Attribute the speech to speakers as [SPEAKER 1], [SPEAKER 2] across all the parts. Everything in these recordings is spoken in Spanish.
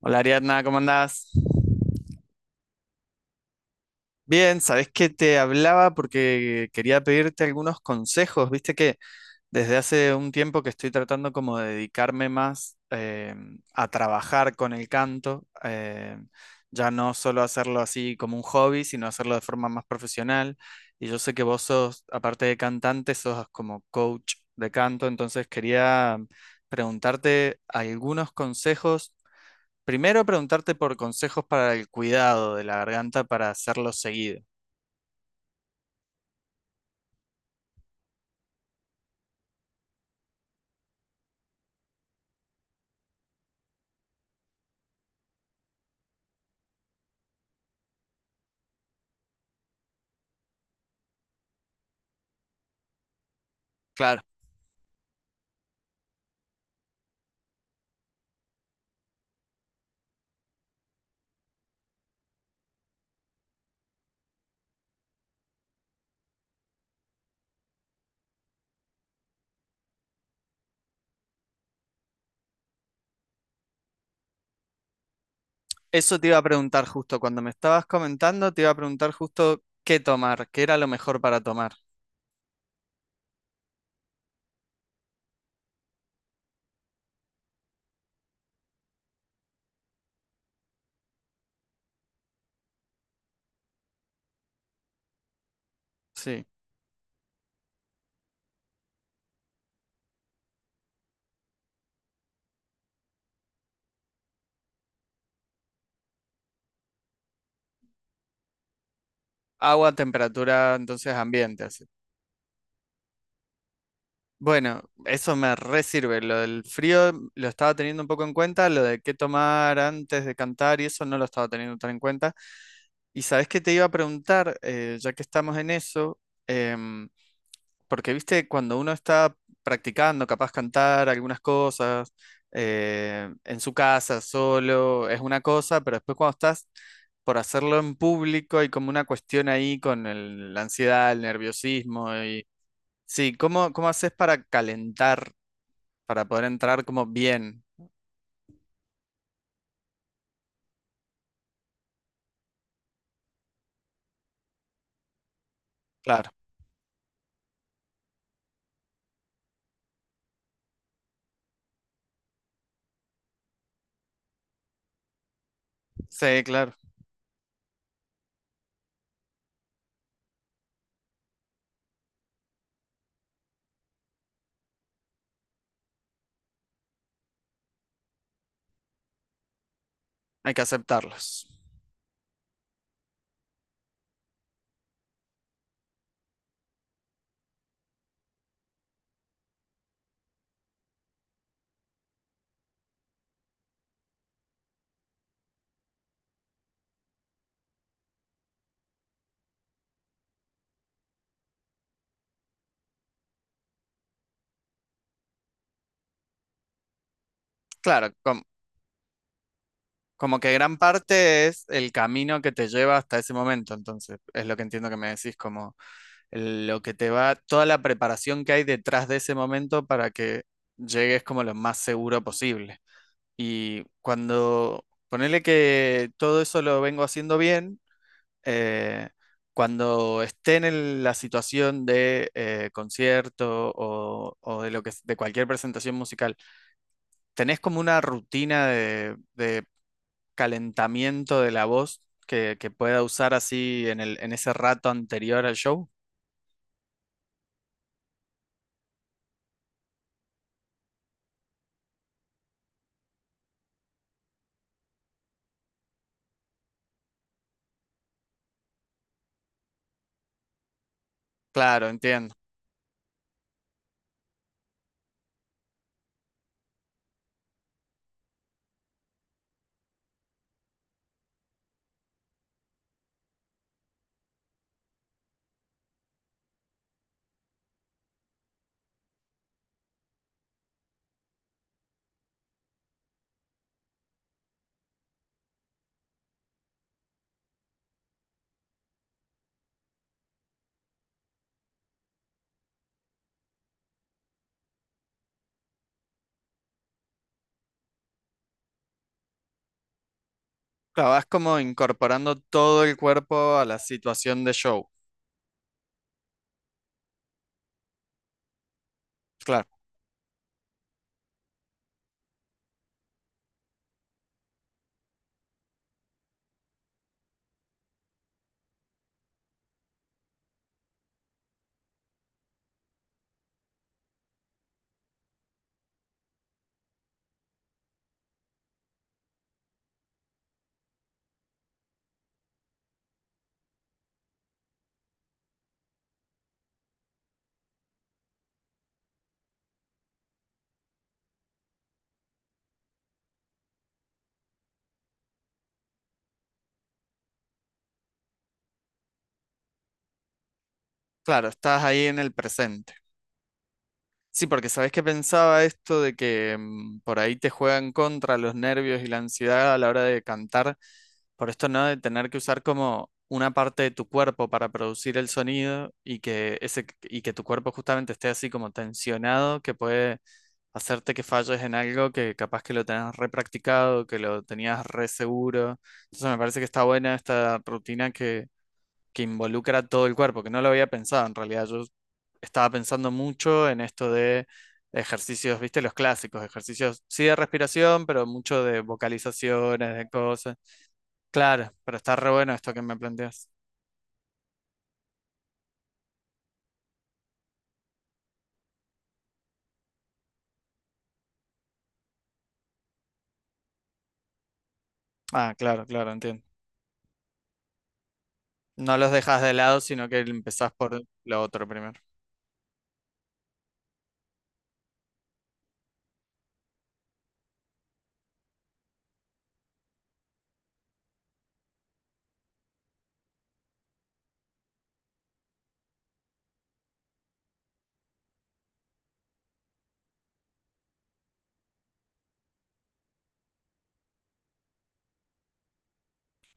[SPEAKER 1] Hola Ariadna, ¿cómo andás? Bien, sabés que te hablaba porque quería pedirte algunos consejos. Viste que desde hace un tiempo que estoy tratando como de dedicarme más a trabajar con el canto, ya no solo hacerlo así como un hobby, sino hacerlo de forma más profesional. Y yo sé que vos sos, aparte de cantante, sos como coach de canto, entonces quería preguntarte algunos consejos. Primero preguntarte por consejos para el cuidado de la garganta para hacerlo seguido. Claro, eso te iba a preguntar justo cuando me estabas comentando, te iba a preguntar justo qué tomar, qué era lo mejor para tomar. Sí, agua, temperatura, entonces ambiente, así. Bueno, eso me re sirve. Lo del frío lo estaba teniendo un poco en cuenta, lo de qué tomar antes de cantar y eso no lo estaba teniendo tan en cuenta. Y sabes que te iba a preguntar, eh, ya que estamos en eso, em, porque, viste, cuando uno está practicando, capaz cantar algunas cosas, en su casa, solo, es una cosa, pero después cuando estás por hacerlo en público hay como una cuestión ahí con la ansiedad, el nerviosismo y... Sí, ¿cómo, cómo haces para calentar, para poder entrar como bien? Claro, sí, claro, hay que aceptarlos. Claro, como que gran parte es el camino que te lleva hasta ese momento, entonces, es lo que entiendo que me decís como... lo que te va, toda la preparación que hay detrás de ese momento para que llegues como lo más seguro posible. Y cuando ponele que todo eso lo vengo haciendo bien, eh, cuando esté en la situación de concierto o de lo que, de cualquier presentación musical, ¿tenés como una rutina de calentamiento de la voz que pueda usar así en el, en ese rato anterior al show? Claro, entiendo. Claro, vas como incorporando todo el cuerpo a la situación de show. Claro, claro, estás ahí en el presente. Sí, porque sabes que pensaba esto de que mm, por ahí te juegan contra los nervios y la ansiedad a la hora de cantar, por esto no de tener que usar como una parte de tu cuerpo para producir el sonido y que ese y que tu cuerpo justamente esté así como tensionado, que puede hacerte que falles en algo que capaz que lo tenías re practicado, que lo tenías re seguro. Entonces me parece que está buena esta rutina que involucra todo el cuerpo, que no lo había pensado en realidad. Yo estaba pensando mucho en esto de ejercicios, viste, los clásicos, ejercicios, sí de respiración, pero mucho de vocalizaciones, de cosas. Claro, pero está re bueno esto que me planteas. Ah, claro, claro, entiendo. No los dejas de lado, sino que empezás por lo otro primero.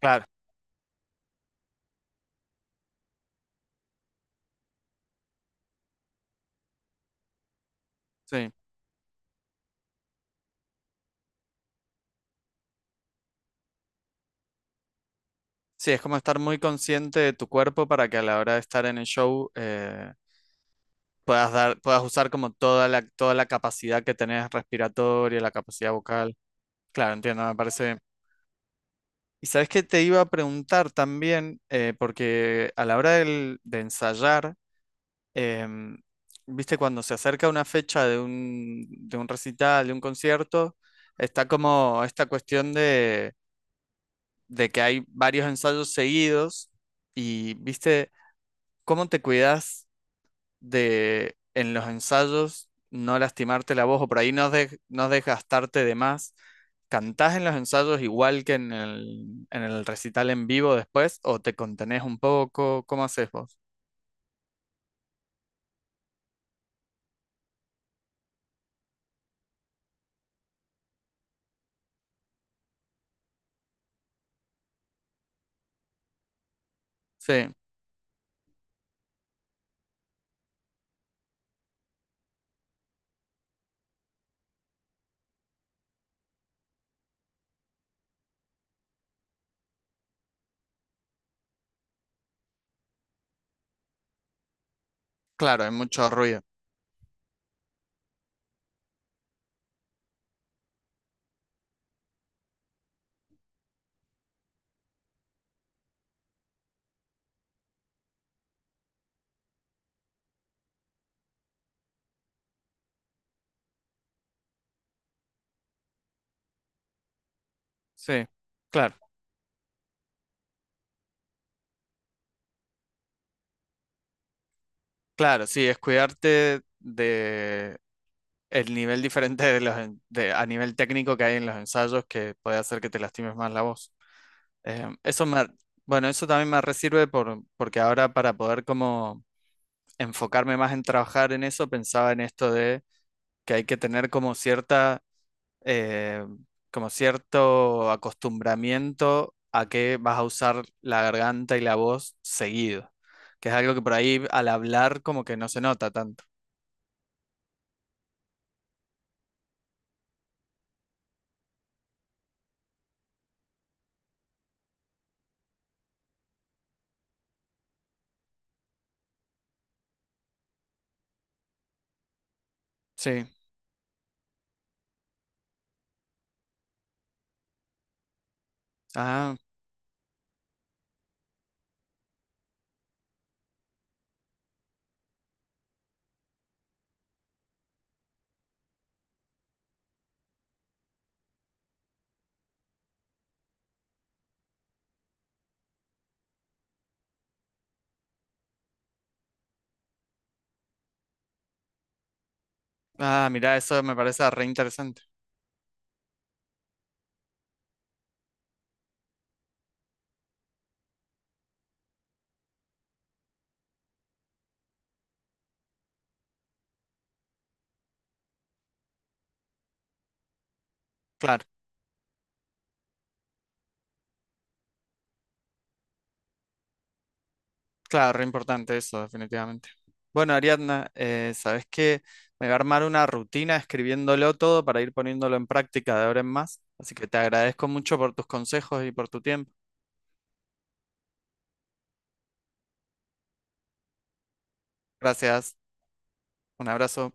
[SPEAKER 1] Claro, sí. Sí, es como estar muy consciente de tu cuerpo para que a la hora de estar en el show puedas dar, puedas usar como toda la capacidad que tenés respiratoria, la capacidad vocal. Claro, entiendo, me parece. Y sabes que te iba a preguntar también, porque a la hora de ensayar, em, viste, cuando se acerca una fecha de un recital, de un concierto, está como esta cuestión de que hay varios ensayos seguidos y, viste, ¿cómo te cuidas de en los ensayos no lastimarte la voz o por ahí no, no desgastarte de más? ¿Cantás en los ensayos igual que en el recital en vivo después o te contenés un poco? ¿Cómo haces vos? Sí, claro, hay mucho ruido. Sí, claro, claro, sí, es cuidarte de el nivel diferente de los a nivel técnico que hay en los ensayos que puede hacer que te lastimes más la voz. Eh, eso me, bueno, eso también me resirve por, porque ahora para poder como enfocarme más en trabajar en eso, pensaba en esto de que hay que tener como cierta, eh, como cierto acostumbramiento a que vas a usar la garganta y la voz seguido, que es algo que por ahí al hablar como que no se nota tanto. Sí. Ah, mirá, eso me parece re interesante. Claro. Claro, re importante eso, definitivamente. Bueno, Ariadna, ¿sabes qué? Me va a armar una rutina escribiéndolo todo para ir poniéndolo en práctica de ahora en más. Así que te agradezco mucho por tus consejos y por tu tiempo. Gracias, un abrazo.